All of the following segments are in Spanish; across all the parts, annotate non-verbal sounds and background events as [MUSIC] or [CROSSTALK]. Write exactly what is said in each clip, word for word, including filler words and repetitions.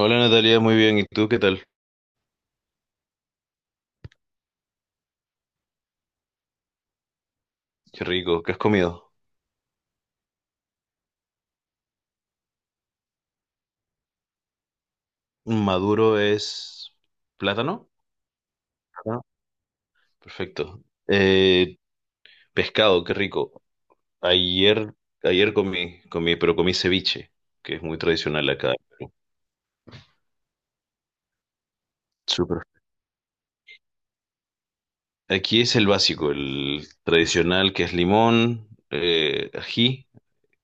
Hola Natalia, muy bien. ¿Y tú qué tal? Qué rico. ¿Qué has comido? Maduro es plátano. Ah. Perfecto. Eh, pescado, qué rico. Ayer, ayer comí, comí, pero comí ceviche, que es muy tradicional acá. Súper. Aquí es el básico, el tradicional, que es limón, eh, ají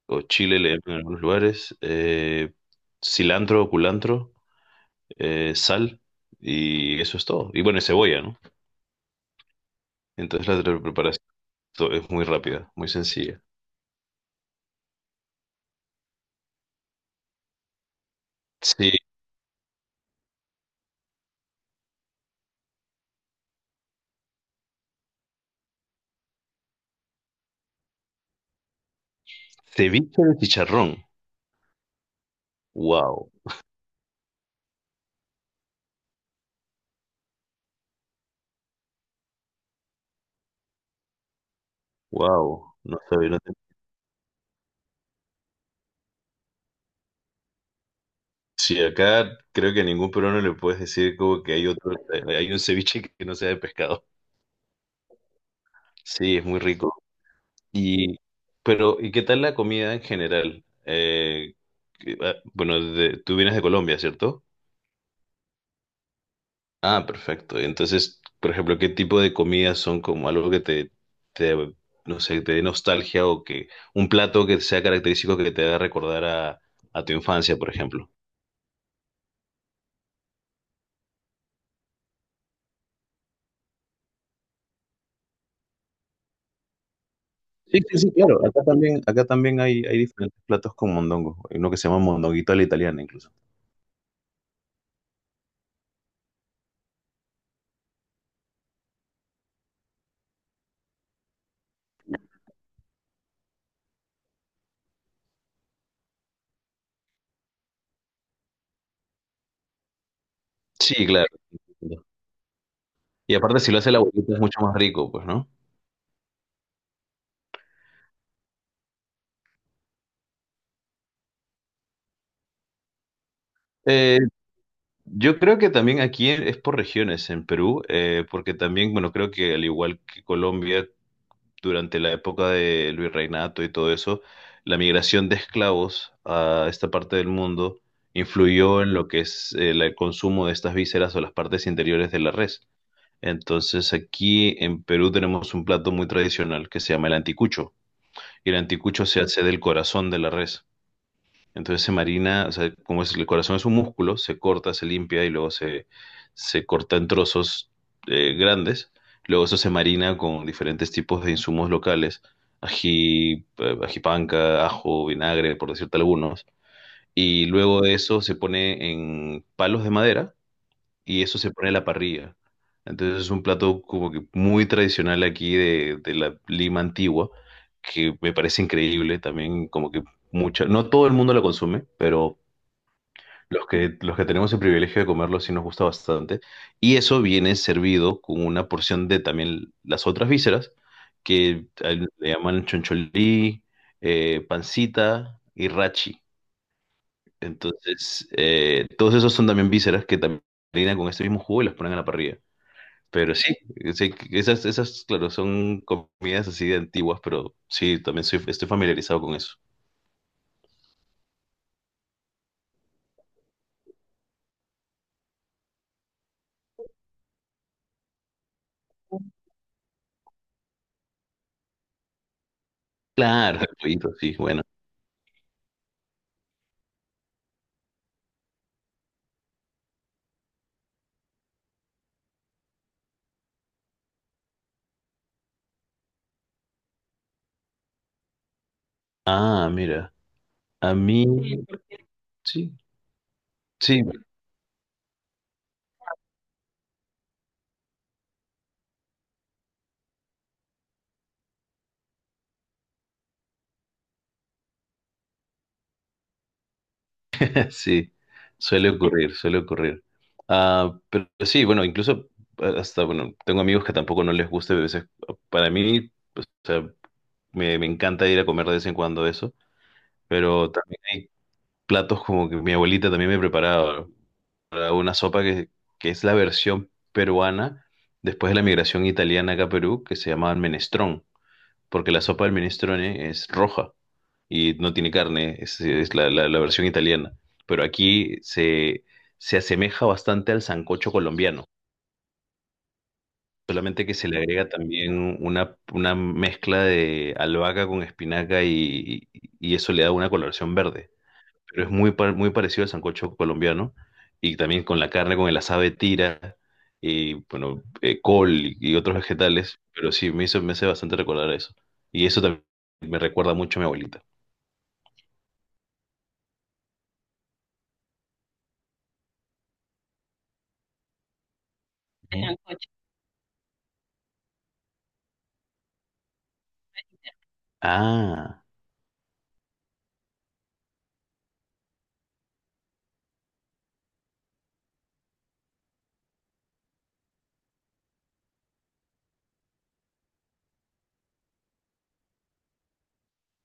o chile le llaman en algunos lugares, eh, cilantro o culantro, eh, sal y eso es todo. Y bueno, y cebolla, ¿no? Entonces la preparación. To- Es muy rápida, muy sencilla. Sí, ceviche de chicharrón. Wow, wow. No sabía. No te- Sí, acá creo que a ningún peruano le puedes decir como que hay otro, eh, hay un ceviche que no sea de pescado. Sí, es muy rico. Y, pero, ¿y qué tal la comida en general? Eh, que- ah, bueno, de- tú vienes de Colombia, ¿cierto? Ah, perfecto. Entonces, por ejemplo, ¿qué tipo de comidas son como algo que te, te, no sé, te dé nostalgia o que un plato que sea característico que te haga recordar a, a tu infancia, por ejemplo? Sí, sí, sí, claro. Acá también, acá también hay, hay diferentes platos con mondongo. Hay uno que se llama mondonguito a la italiana incluso. Sí, claro. Y aparte, si lo hace la abuelita es mucho más rico, pues, ¿no? Eh, yo creo que también aquí es por regiones en Perú, eh, porque también, bueno, creo que al igual que Colombia, durante la época de Virreinato y todo eso, la migración de esclavos a esta parte del mundo influyó en lo que es el, el consumo de estas vísceras o las partes interiores de la res. Entonces aquí en Perú tenemos un plato muy tradicional que se llama el anticucho. Y el anticucho se hace del corazón de la res. Entonces se marina, o sea, como es, el corazón es un músculo, se corta, se limpia y luego se, se corta en trozos eh, grandes. Luego eso se marina con diferentes tipos de insumos locales, ají, eh, ají panca, ajo, vinagre, por decirte algunos. Y luego de eso se pone en palos de madera y eso se pone a la parrilla. Entonces es un plato como que muy tradicional aquí de, de la Lima antigua, que me parece increíble también, como que mucha, no todo el mundo lo consume, pero los que, los que tenemos el privilegio de comerlo sí nos gusta bastante. Y eso viene servido con una porción de también las otras vísceras, que al- le llaman choncholí, eh, pancita y rachi. Entonces, eh, todos esos son también vísceras que también rellenan con este mismo jugo y las ponen a la parrilla. Pero sí, eh, sí, esas, esas, claro, son comidas así de antiguas, pero sí, también soy, estoy familiarizado con eso. Claro, el pollito, sí, bueno. Ah, mira, a mí, sí, sí, [LAUGHS] sí, suele ocurrir, suele ocurrir. Ah, pero sí, bueno, incluso eh, hasta, bueno, tengo amigos que tampoco no les gusta, a veces, ah, para mí, o sea, me, me encanta ir a comer de vez en cuando eso, pero también hay platos como que mi abuelita también me preparaba. Una sopa que, que es la versión peruana después de la migración italiana acá a Perú, que se llamaba menestrón, porque la sopa del minestrone es roja y no tiene carne, es, es la, la- la versión italiana. Pero aquí se, se asemeja bastante al sancocho colombiano, solamente que se le agrega también una, una mezcla de albahaca con espinaca y, y eso le da una coloración verde pero es muy, par- muy parecido al sancocho colombiano y también con la carne, con el asado de tira y bueno, eh, col y, y otros vegetales, pero sí, me hizo, me hace bastante recordar eso. Y eso también me recuerda mucho a mi abuelita. El ah,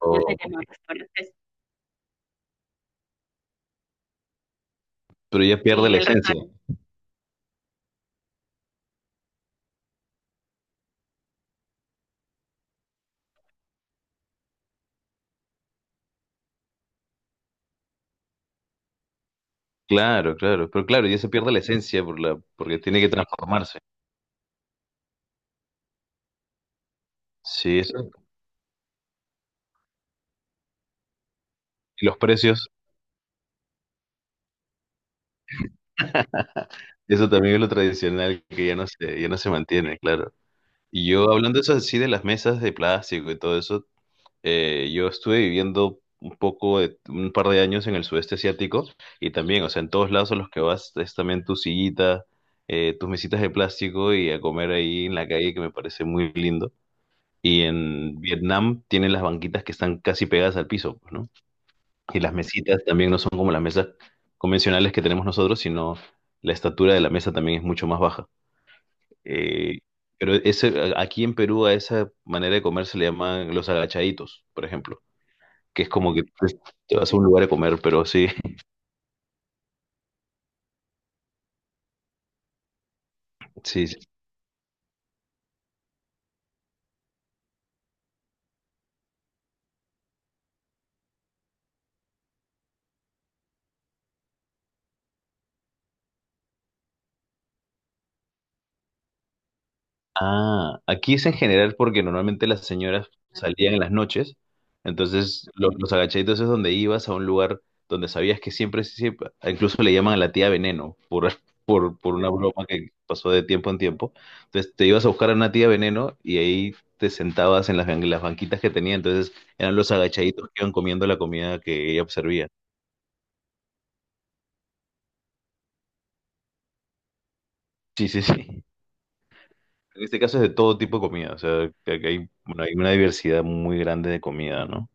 ya o- oh, pero ya pierde la esencia. Restaurante. Claro, claro, pero claro, ya se pierde la esencia por la, porque tiene que transformarse. Sí, eso. Y los precios, eso también es lo tradicional que ya no se, ya no se mantiene, claro. Y yo hablando eso así de las mesas de plástico y todo eso, eh, yo estuve viviendo un poco de un par de años en el sudeste asiático y también, o sea, en todos lados a los que vas es también tu sillita, eh, tus mesitas de plástico y a comer ahí en la calle que me parece muy lindo. Y en Vietnam tienen las banquitas que están casi pegadas al piso, pues, ¿no? Y las mesitas también no son como las mesas convencionales que tenemos nosotros, sino la estatura de la mesa también es mucho más baja. Eh, pero ese, a- aquí en Perú a esa manera de comer se le llaman los agachaditos, por ejemplo, que es como que pues, te vas a un lugar a comer, pero sí, [LAUGHS] sí, ah, aquí es en general porque normalmente las señoras salían en las noches, entonces lo- los agachaditos es donde ibas a un lugar donde sabías que siempre, siempre, incluso le llaman a la tía Veneno por, [LAUGHS] por, por una broma que pasó de tiempo en tiempo. Entonces te ibas a buscar a una tía Veneno y ahí te sentabas en las, ban- las banquitas que tenía, entonces eran los agachaditos que iban comiendo la comida que ella servía. Sí, sí, sí. En este caso es de todo tipo de comida, o sea, que- que hay, bueno, hay una diversidad muy grande de comida, ¿no?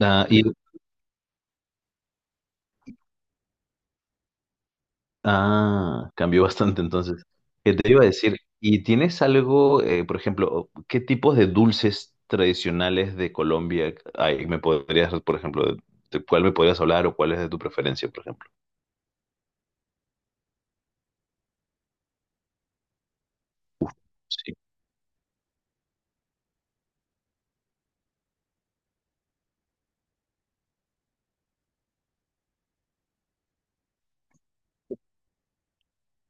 Ah, y ah, cambió bastante entonces. ¿Qué te iba a decir? ¿Y tienes algo, eh, por ejemplo, qué tipos de dulces tradicionales de Colombia hay? ¿Me podrías, por ejemplo, de, de cuál me podrías hablar o cuál es de tu preferencia, por ejemplo? Sí.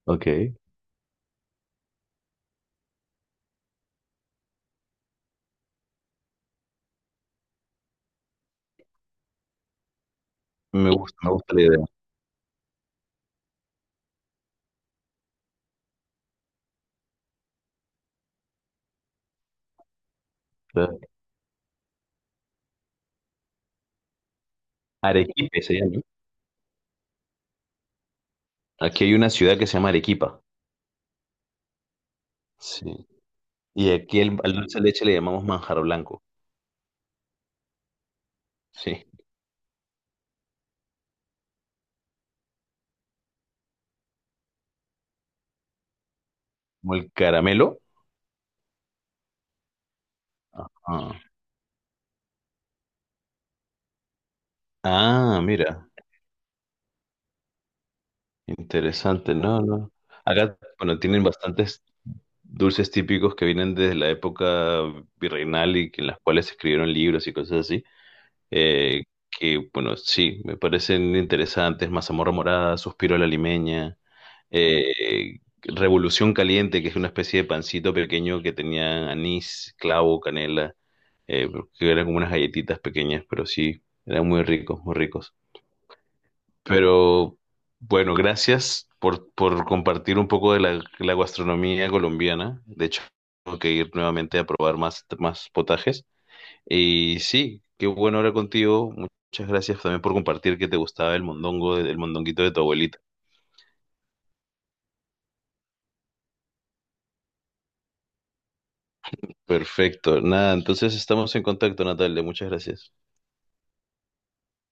Ok. Me gusta, me gusta la idea. Claro. Arequipe se llama, ¿no? Aquí hay una ciudad que se llama Arequipa. Sí. Y aquí el- al dulce de leche le llamamos manjar blanco. Sí. Como el caramelo. Ah, ah, mira. Interesante. No, no. Acá, bueno, tienen bastantes dulces típicos que vienen desde la época virreinal y que- en las cuales se escribieron libros y cosas así. Eh, que, bueno, sí, me parecen interesantes. Mazamorra morada, suspiro a la limeña, eh, Revolución caliente, que es una especie de pancito pequeño que tenía anís, clavo, canela, eh, que eran como unas galletitas pequeñas, pero sí, eran muy ricos, muy ricos. Pero bueno, gracias por, por compartir un poco de la, la gastronomía colombiana. De hecho, tengo que ir nuevamente a probar más, más potajes. Y sí, qué bueno hablar contigo. Muchas gracias también por compartir que te gustaba el mondongo, el mondonguito de tu abuelita. Perfecto. Nada, entonces estamos en contacto, Natalia. Muchas gracias.